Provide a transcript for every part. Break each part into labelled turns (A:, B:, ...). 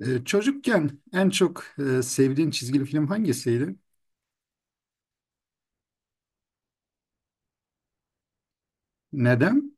A: Çocukken en çok sevdiğin çizgili film hangisiydi? Neden?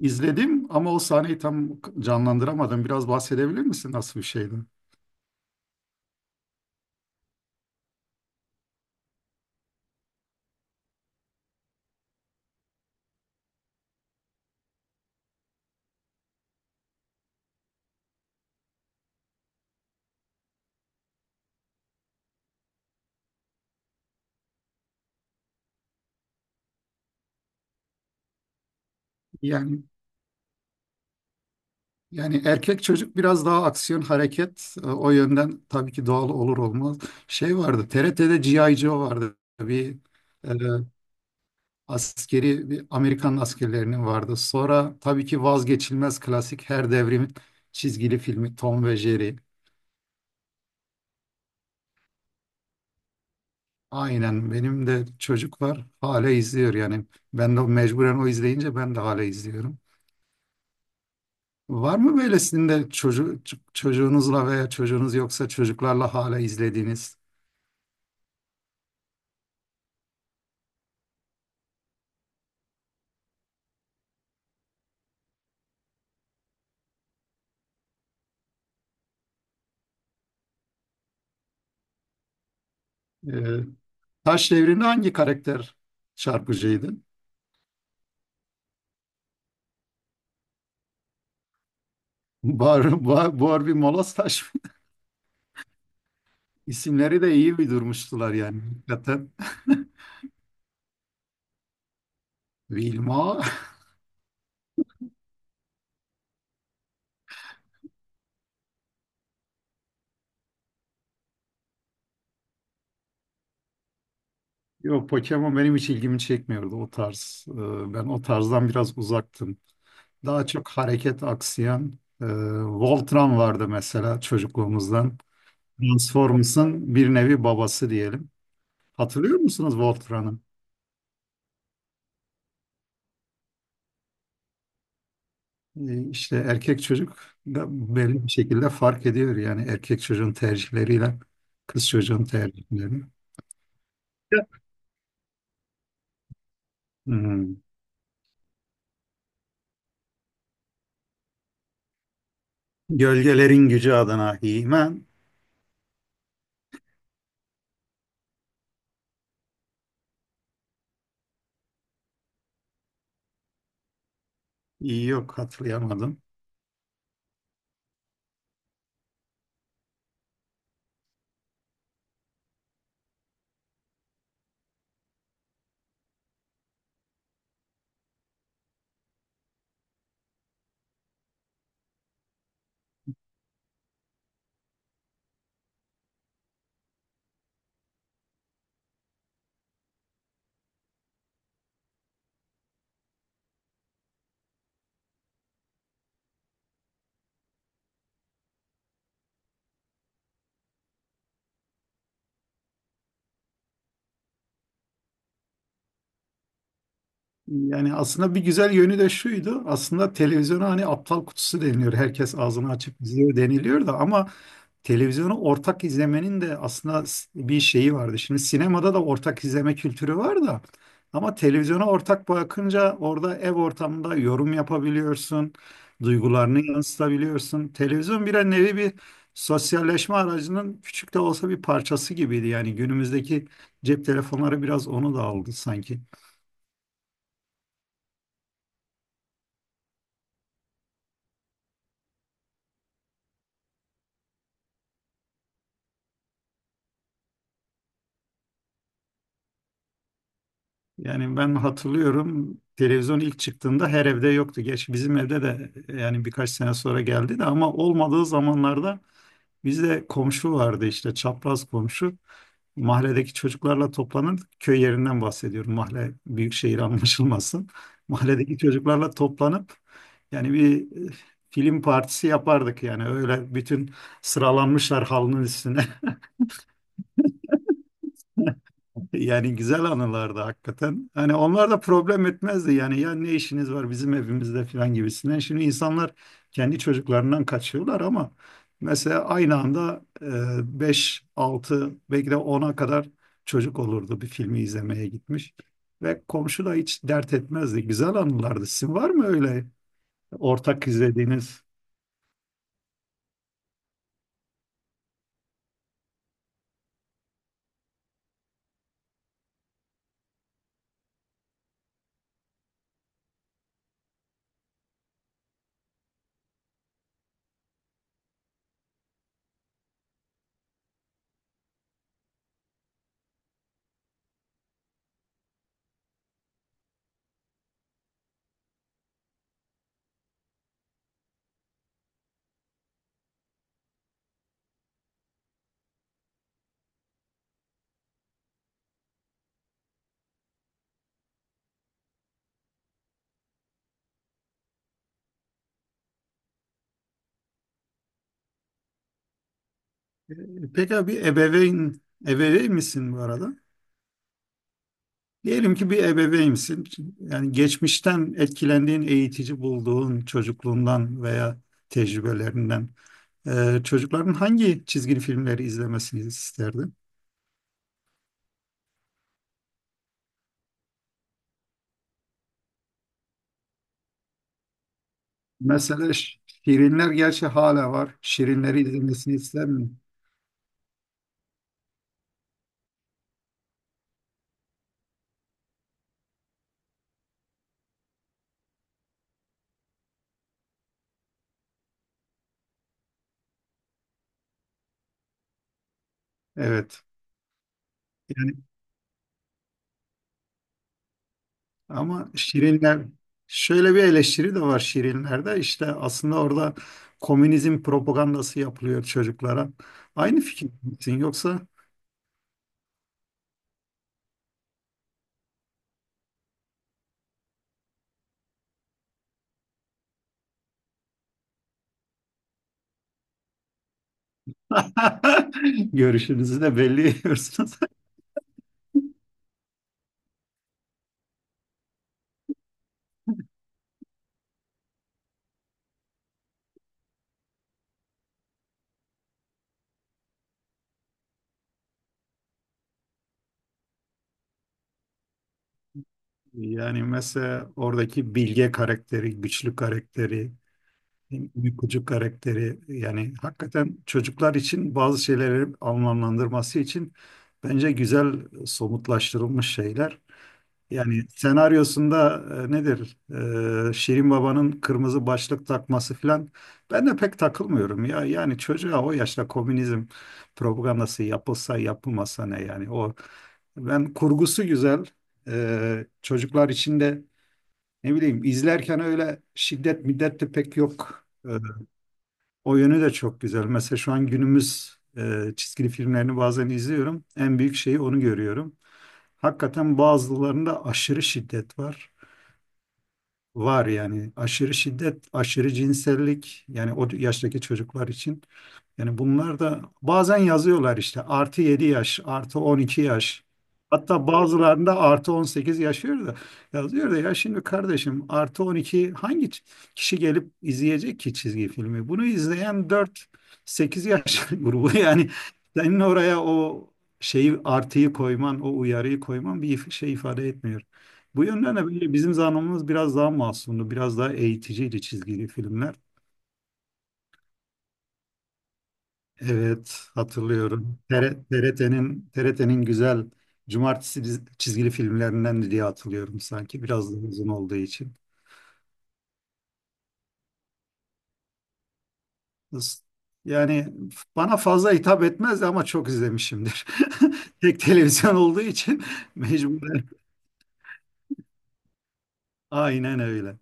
A: İzledim ama o sahneyi tam canlandıramadım. Biraz bahsedebilir misin, nasıl bir şeydi? Yani yani erkek çocuk biraz daha aksiyon hareket o yönden tabii ki doğal olur olmaz. Şey vardı, TRT'de G.I. Joe vardı. Bir e, askeri bir Amerikan askerlerinin vardı. Sonra tabii ki vazgeçilmez klasik her devrimin çizgili filmi Tom ve Jerry. Aynen, benim de çocuk var, hala izliyor yani, ben de mecburen o izleyince ben de hala izliyorum. Var mı böylesinde çocuğu, çocuğunuzla veya çocuğunuz yoksa çocuklarla hala izlediğiniz? Ee, Taş Devri'nde hangi karakter çarpıcıydı? Barbie Molas Taş mı? İsimleri de iyi bir durmuştular yani, hakikaten. Wilma. Yok, Pokemon benim hiç ilgimi çekmiyordu o tarz. Ben o tarzdan biraz uzaktım. Daha çok hareket aksiyon. Voltron vardı mesela çocukluğumuzdan. Transformers'ın bir nevi babası diyelim. Hatırlıyor musunuz Voltron'u? İşte erkek çocuk da belli bir şekilde fark ediyor. Yani erkek çocuğun tercihleriyle kız çocuğun tercihlerini. Evet. Hmm. Gölgelerin gücü adına He-Man. İyi, yok, hatırlayamadım. Yani aslında bir güzel yönü de şuydu. Aslında televizyona hani aptal kutusu deniliyor. Herkes ağzını açıp izliyor deniliyor da ama televizyonu ortak izlemenin de aslında bir şeyi vardı. Şimdi sinemada da ortak izleme kültürü var da ama televizyona ortak bakınca orada ev ortamında yorum yapabiliyorsun, duygularını yansıtabiliyorsun. Televizyon bir nevi bir sosyalleşme aracının küçük de olsa bir parçası gibiydi. Yani günümüzdeki cep telefonları biraz onu da aldı sanki. Yani ben hatırlıyorum, televizyon ilk çıktığında her evde yoktu. Geç bizim evde de, yani birkaç sene sonra geldi de, ama olmadığı zamanlarda bizde komşu vardı, işte çapraz komşu. Mahalledeki çocuklarla toplanırdık. Köy yerinden bahsediyorum. Mahalle büyük şehir anlaşılmasın. Mahalledeki çocuklarla toplanıp yani bir e, film partisi yapardık yani, öyle bütün sıralanmışlar halının üstüne. Yani güzel anılardı hakikaten. Hani onlar da problem etmezdi yani, ya ne işiniz var bizim evimizde falan gibisinden. Şimdi insanlar kendi çocuklarından kaçıyorlar ama mesela aynı anda 5 altı, belki de ona kadar çocuk olurdu bir filmi izlemeye gitmiş. Ve komşu da hiç dert etmezdi. Güzel anılardı. Sizin var mı öyle ortak izlediğiniz? Peki abi, ebeveyn misin bu arada? Diyelim ki bir ebeveynsin. Yani geçmişten etkilendiğin, eğitici bulduğun, çocukluğundan veya tecrübelerinden çocukların hangi çizgi filmleri izlemesini isterdin? Mesela Şirinler gerçi hala var. Şirinleri izlemesini ister mi? Evet. Yani ama Şirinler, şöyle bir eleştiri de var Şirinler'de. İşte aslında orada komünizm propagandası yapılıyor çocuklara. Aynı fikir misin? Yoksa görüşünüzü de belli ediyorsunuz. Yani mesela oradaki bilge karakteri, güçlü karakteri, uykucu karakteri yani hakikaten çocuklar için bazı şeyleri anlamlandırması için bence güzel somutlaştırılmış şeyler. Yani senaryosunda nedir? Şirin Baba'nın kırmızı başlık takması falan. Ben de pek takılmıyorum ya. Yani çocuğa o yaşta komünizm propagandası yapılsa yapılmasa ne yani, o ben kurgusu güzel. Çocuklar için de ne bileyim, izlerken öyle şiddet middet de pek yok. O yönü de çok güzel. Mesela şu an günümüz çizgili filmlerini bazen izliyorum. En büyük şeyi onu görüyorum. Hakikaten bazılarında aşırı şiddet var. Var yani, aşırı şiddet, aşırı cinsellik yani o yaştaki çocuklar için. Yani bunlar da bazen yazıyorlar işte artı 7 yaş, artı 12 yaş. Hatta bazılarında artı 18 yaşıyor da yazıyor da, ya şimdi kardeşim artı 12 hangi kişi gelip izleyecek ki çizgi filmi? Bunu izleyen 4 8 yaş grubu yani, senin oraya o şeyi artıyı koyman, o uyarıyı koyman bir şey ifade etmiyor. Bu yönden de böyle bizim zamanımız biraz daha masumdu, biraz daha eğiticiydi çizgili filmler. Evet, hatırlıyorum. TRT'nin güzel cumartesi çizgili filmlerinden diye hatırlıyorum, sanki biraz daha uzun olduğu için. Is- Yani bana fazla hitap etmezdi ama çok izlemişimdir. Tek televizyon olduğu için mecburen. Aynen öyle.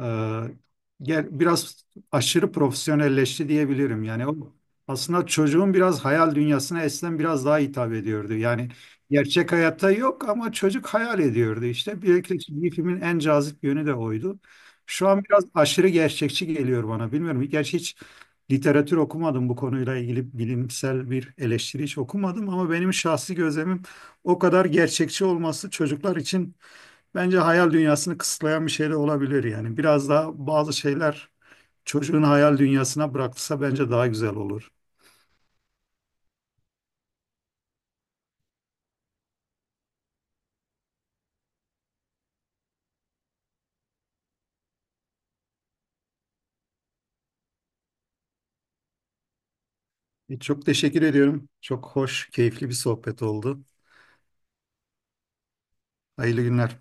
A: Ee, Gel biraz, aşırı profesyonelleşti diyebilirim. Yani o aslında çocuğun biraz hayal dünyasına eskiden biraz daha hitap ediyordu. Yani gerçek hayatta yok ama çocuk hayal ediyordu işte. Belki bir filmin en cazip yönü de oydu. Şu an biraz aşırı gerçekçi geliyor bana. Bilmiyorum. Gerçi hiç literatür okumadım bu konuyla ilgili, bilimsel bir eleştiri hiç okumadım ama benim şahsi gözlemim, o kadar gerçekçi olması çocuklar için bence hayal dünyasını kısıtlayan bir şey de olabilir yani. Biraz daha bazı şeyler çocuğun hayal dünyasına bırakılsa bence daha güzel olur. Çok teşekkür ediyorum. Çok hoş, keyifli bir sohbet oldu. Hayırlı günler.